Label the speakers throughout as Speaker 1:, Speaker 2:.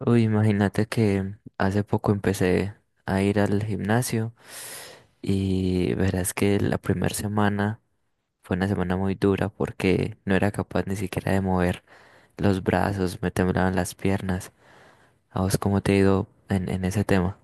Speaker 1: Uy, imagínate que hace poco empecé a ir al gimnasio y verás que la primera semana fue una semana muy dura porque no era capaz ni siquiera de mover los brazos, me temblaban las piernas. ¿A vos cómo te ha ido en ese tema?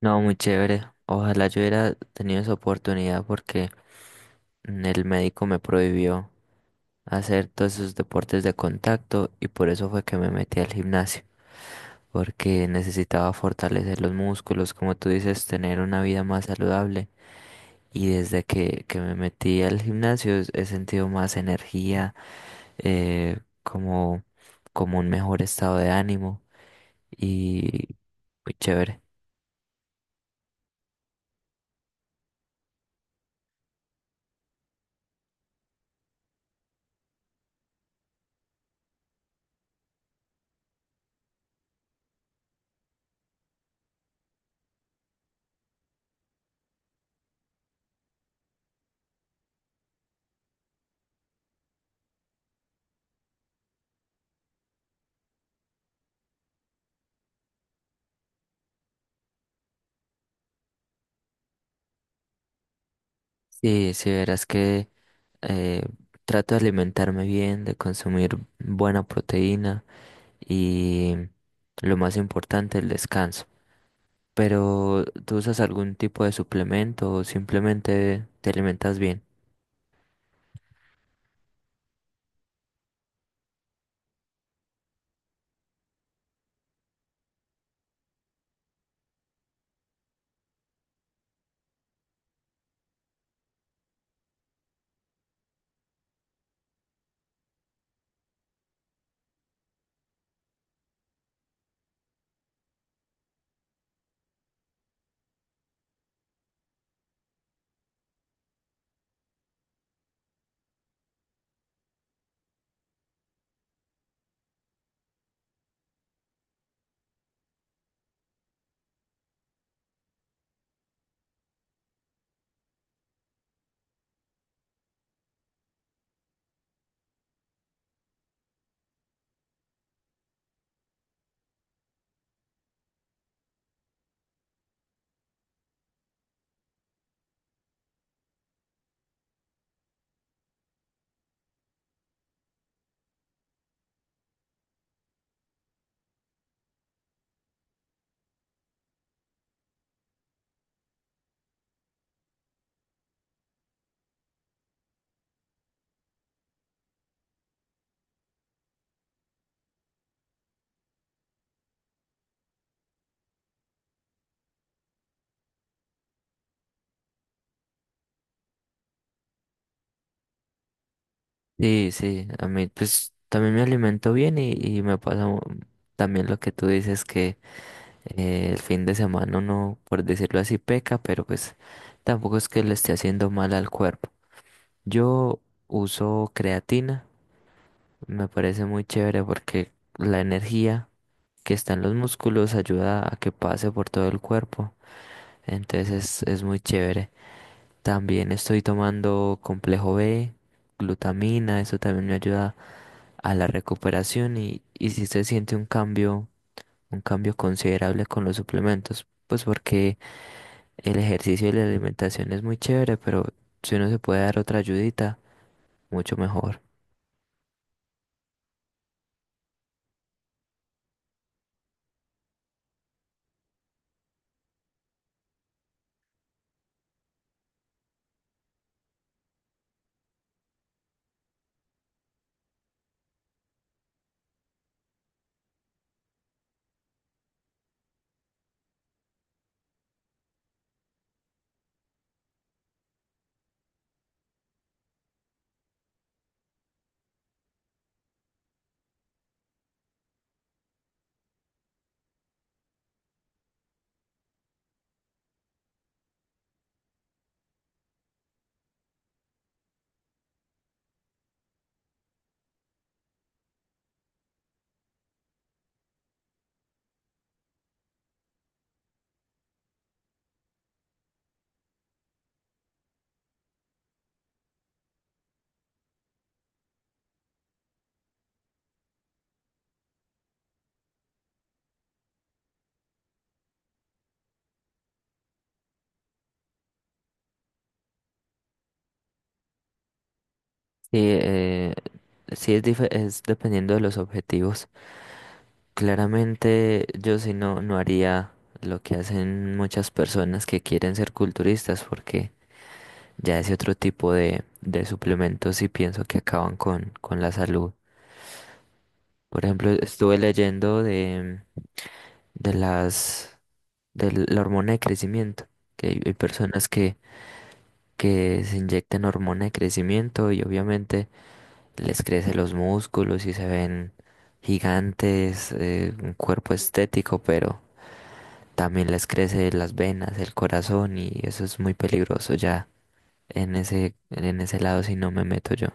Speaker 1: No, muy chévere. Ojalá yo hubiera tenido esa oportunidad porque el médico me prohibió hacer todos esos deportes de contacto y por eso fue que me metí al gimnasio. Porque necesitaba fortalecer los músculos, como tú dices, tener una vida más saludable. Y desde que me metí al gimnasio he sentido más energía, eh, como, como un mejor estado de ánimo y muy chévere. Sí, sí, verás que eh, trato de alimentarme bien, de consumir buena proteína y lo más importante, el descanso. Pero ¿tú usas algún tipo de suplemento o simplemente te alimentas bien? Sí, sí, a mí pues también me alimento bien y me pasa también lo que tú dices que el fin de semana uno, por decirlo así, peca, pero pues tampoco es que le esté haciendo mal al cuerpo. Yo uso creatina, me parece muy chévere porque la energía que está en los músculos ayuda a que pase por todo el cuerpo, entonces es muy chévere. También estoy tomando complejo B, glutamina, eso también me ayuda a la recuperación y si se siente un cambio, un cambio considerable con los suplementos, pues porque el ejercicio y la alimentación es muy chévere, pero si uno se puede dar otra ayudita, mucho mejor. Sí, es dependiendo de los objetivos. Claramente yo sí no, no haría lo que hacen muchas personas que quieren ser culturistas porque ya ese otro tipo de suplementos sí pienso que acaban con la salud. Por ejemplo, estuve leyendo de las de la hormona de crecimiento, que hay personas que se inyectan hormona de crecimiento y obviamente les crecen los músculos y se ven gigantes, un cuerpo estético, pero también les crece las venas, el corazón y eso es muy peligroso ya en ese lado si no me meto yo.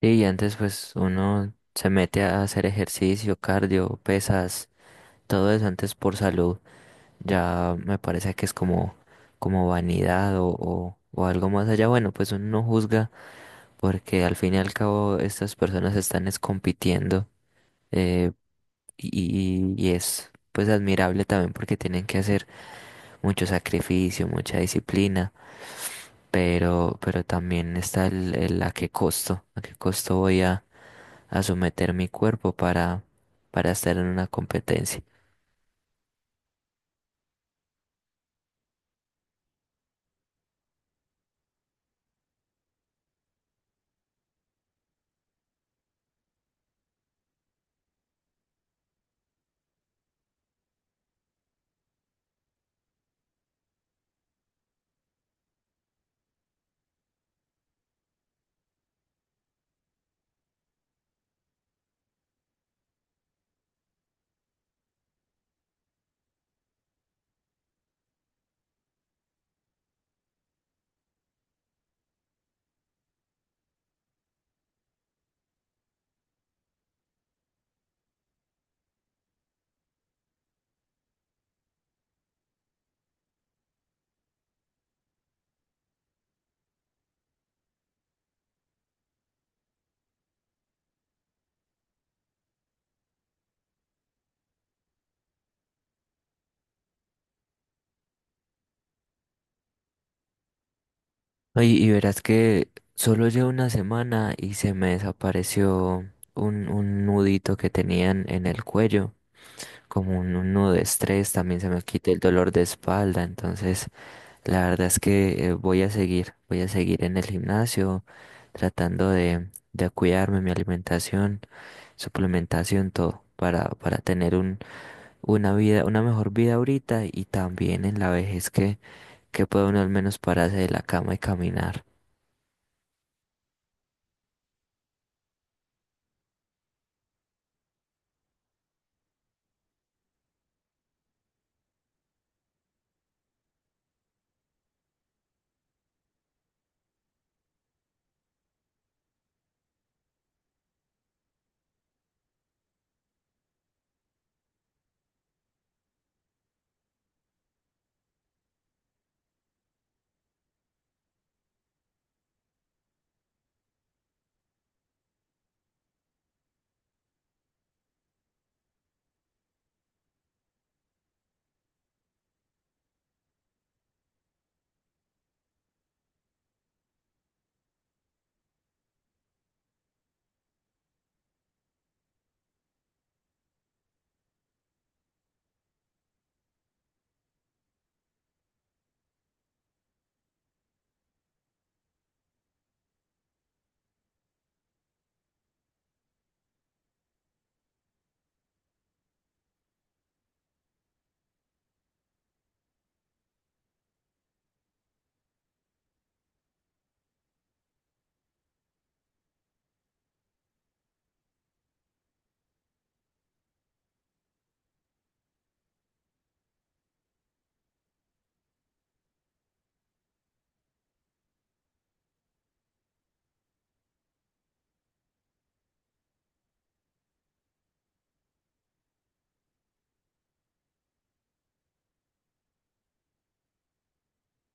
Speaker 1: Sí. Y antes pues uno se mete a hacer ejercicio, cardio, pesas, todo eso antes por salud, ya me parece que es como, como vanidad o algo más allá. Bueno, pues uno no juzga porque al fin y al cabo estas personas están es compitiendo. Eh, y es pues admirable también porque tienen que hacer mucho sacrificio, mucha disciplina, pero también está el a qué costo voy a someter mi cuerpo para estar en una competencia. Oye, y verás que solo llevo una semana y se me desapareció un nudito que tenían en el cuello. Como un nudo de estrés, también se me quita el dolor de espalda, entonces la verdad es que voy a seguir en el gimnasio, tratando de cuidarme, mi alimentación, suplementación, todo, para tener un, una vida, una mejor vida ahorita y también en la vejez que pueda uno al menos pararse de la cama y caminar.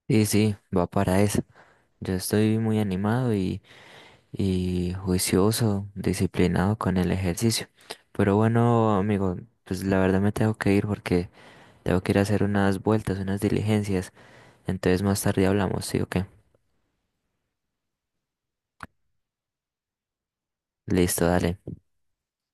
Speaker 1: Sí, sí, va para eso. Yo estoy muy animado y juicioso, disciplinado con el ejercicio. Pero bueno, amigo, pues la verdad me tengo que ir porque tengo que ir a hacer unas vueltas, unas diligencias. Entonces más tarde hablamos, ¿sí o qué? Listo, dale.